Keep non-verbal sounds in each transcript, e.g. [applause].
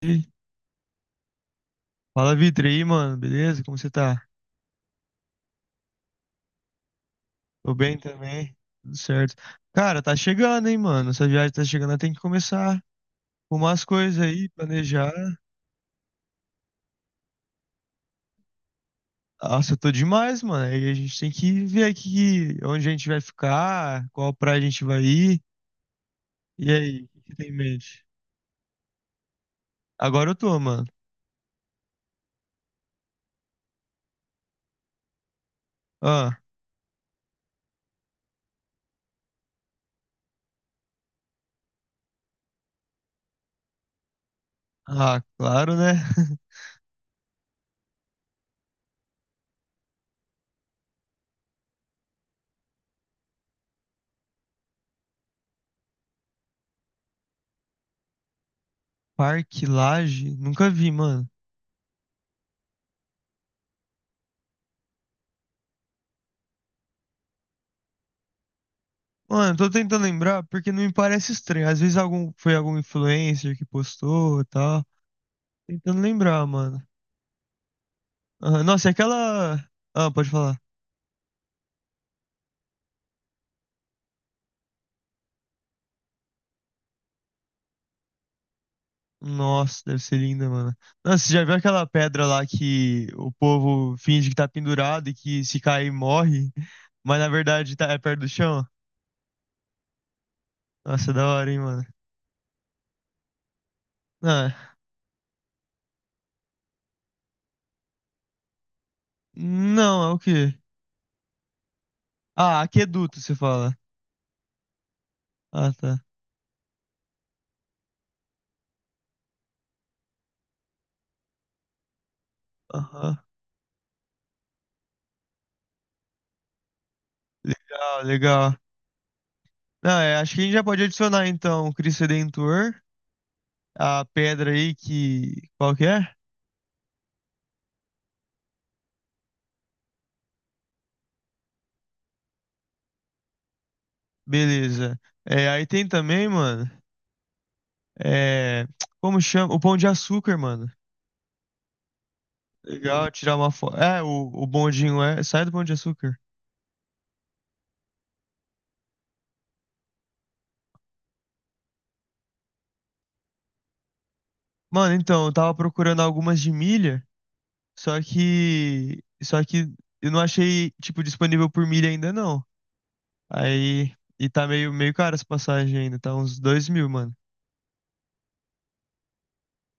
E Fala, Vitor, e aí, mano, beleza? Como você tá? Tô bem também, tudo certo. Cara, tá chegando, hein, mano? Essa viagem tá chegando, tem que começar a arrumar as coisas aí, planejar. Nossa, eu tô demais, mano. Aí a gente tem que ver aqui onde a gente vai ficar, qual praia a gente vai ir. E aí, o que que tem em mente? Agora eu tô, mano. Ah, ah, claro, né? [laughs] Parque Lage? Nunca vi, mano. Mano, tô tentando lembrar porque não me parece estranho. Às vezes algum, foi algum influencer que postou e tal. Tentando lembrar, mano. Aham, nossa, e aquela. Ah, pode falar. Nossa, deve ser linda, mano. Nossa, você já viu aquela pedra lá que o povo finge que tá pendurado e que se cair morre, mas na verdade tá é perto do chão? Nossa, é da hora, hein, mano. Ah, não, é o quê? Ah, aqueduto, você fala. Ah, tá. Aham. Legal, legal. Não, é, acho que a gente já pode adicionar então o Cristo Redentor, a pedra aí que. Qual que é? Beleza. É, aí tem também, mano. É, como chama? O Pão de Açúcar, mano. Legal, tirar uma foto. É, o bondinho é. Sai do Pão de Açúcar. Mano, então, eu tava procurando algumas de milha, só que. Só que eu não achei, tipo, disponível por milha ainda não. Aí. E tá meio caro essa passagem ainda, tá uns 2 mil, mano.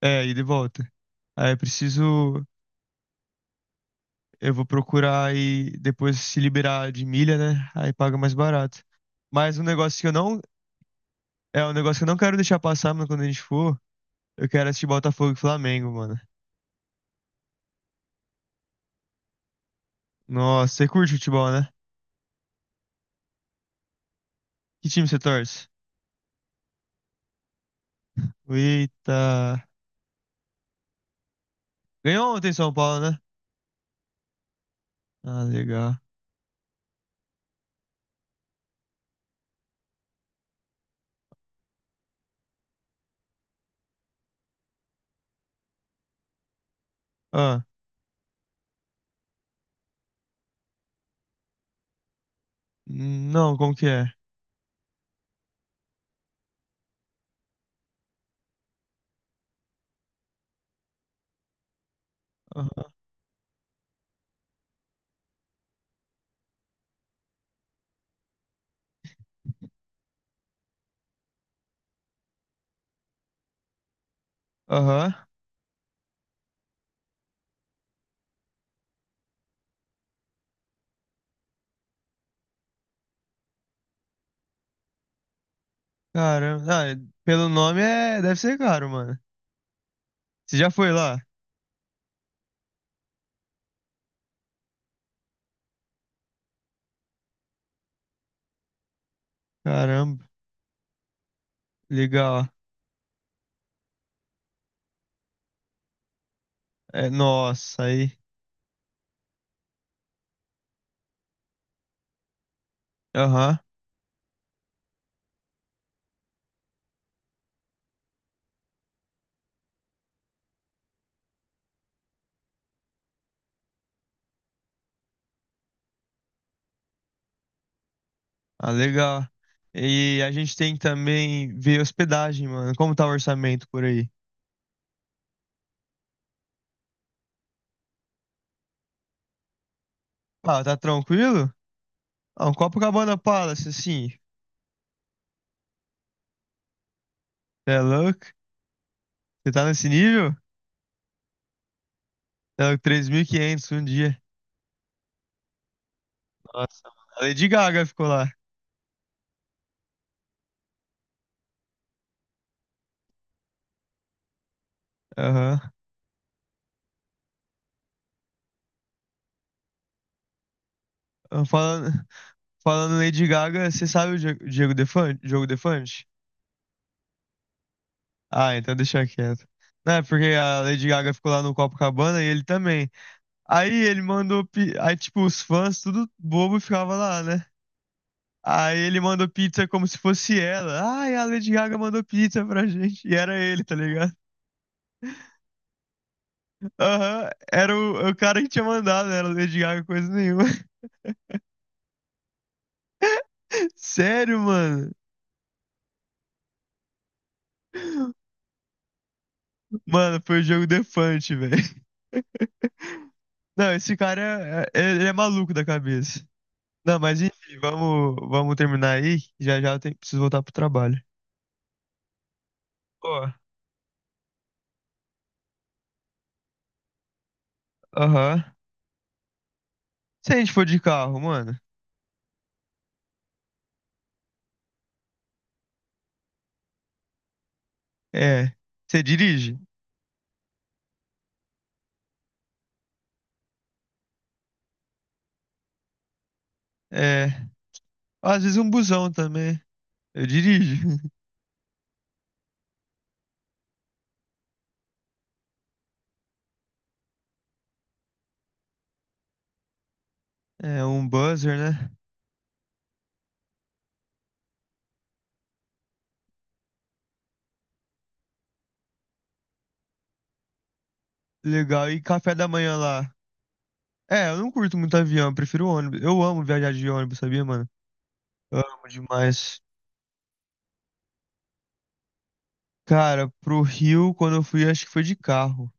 É, ida e volta. Aí eu preciso. Eu vou procurar e depois se liberar de milha, né? Aí paga mais barato. Mas um negócio que eu não. É um negócio que eu não quero deixar passar, mano, quando a gente for. Eu quero assistir Botafogo e Flamengo, mano. Nossa, você curte futebol, né? Que time você torce? Eita. Ganhou ontem São Paulo, né? Ah, legal. Ah, não, como que é? Ah, aham. Caramba. Ah, pelo nome é, deve ser caro, mano. Você já foi lá? Caramba. Legal. É, nossa, aí. Aham. Ah, legal. E a gente tem que também ver hospedagem, mano. Como tá o orçamento por aí? Ah, tá tranquilo? Ah, um Copacabana Palace, assim. Você é louco? Você tá nesse nível? Você é louco, 3.500 um dia. Nossa, mano. A Lady Gaga ficou lá. Aham. Ah, falando em Lady Gaga, você sabe o Diego Defante? Diogo Defante? Ah, então deixa quieto. Não, é porque a Lady Gaga ficou lá no Copacabana e ele também. Aí ele mandou. Aí, tipo, os fãs, tudo bobo, ficava lá, né? Aí ele mandou pizza como se fosse ela. Ai, a Lady Gaga mandou pizza pra gente. E era ele, tá ligado? Aham, era o cara que tinha mandado, não era Lady Gaga, coisa nenhuma. [laughs] Sério, mano? Mano, foi o jogo defante, velho. Não, esse cara ele é maluco da cabeça. Não, mas enfim, vamos terminar aí. Já já eu preciso voltar pro trabalho. Ó, aham. Se a gente for de carro, mano, é. Você dirige? É. Às vezes um busão também. Eu dirijo. [laughs] É, um buzzer, né? Legal. E café da manhã lá? É, eu não curto muito avião, eu prefiro ônibus. Eu amo viajar de ônibus, sabia, mano? Eu amo demais. Cara, pro Rio, quando eu fui, acho que foi de carro.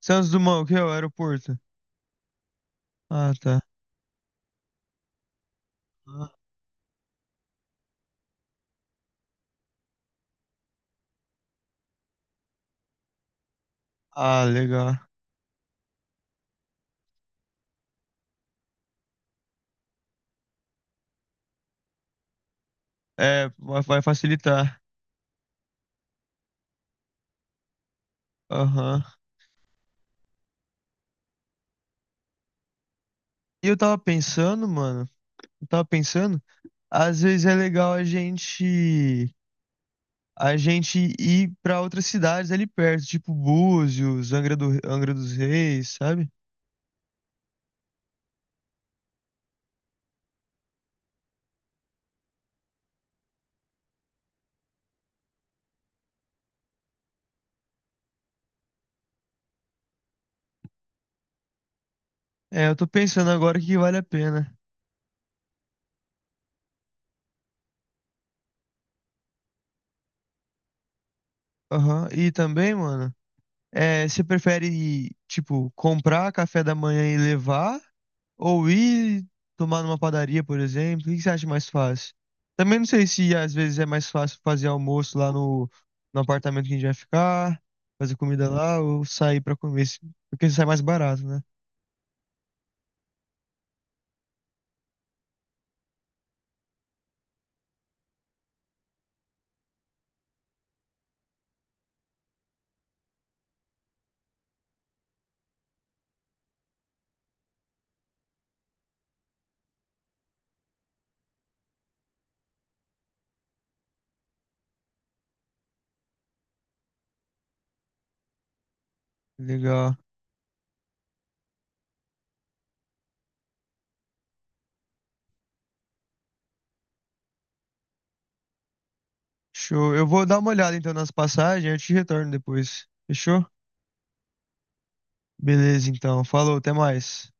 Santos Dumont, o que é o aeroporto? Ah, tá. Ah, legal. É, vai facilitar. Aham. E eu tava pensando, mano, eu tava pensando, às vezes é legal a gente ir pra outras cidades ali perto, tipo Búzios, Angra dos Reis, sabe? É, eu tô pensando agora que vale a pena. Aham. E também, mano, é, você prefere, tipo, comprar café da manhã e levar? Ou ir tomar numa padaria, por exemplo? O que que você acha mais fácil? Também não sei se às vezes é mais fácil fazer almoço lá no apartamento que a gente vai ficar, fazer comida lá ou sair pra comer, porque sai mais barato, né? Legal. Show. Eu vou dar uma olhada então nas passagens, eu te retorno depois. Fechou? Beleza, então. Falou, até mais.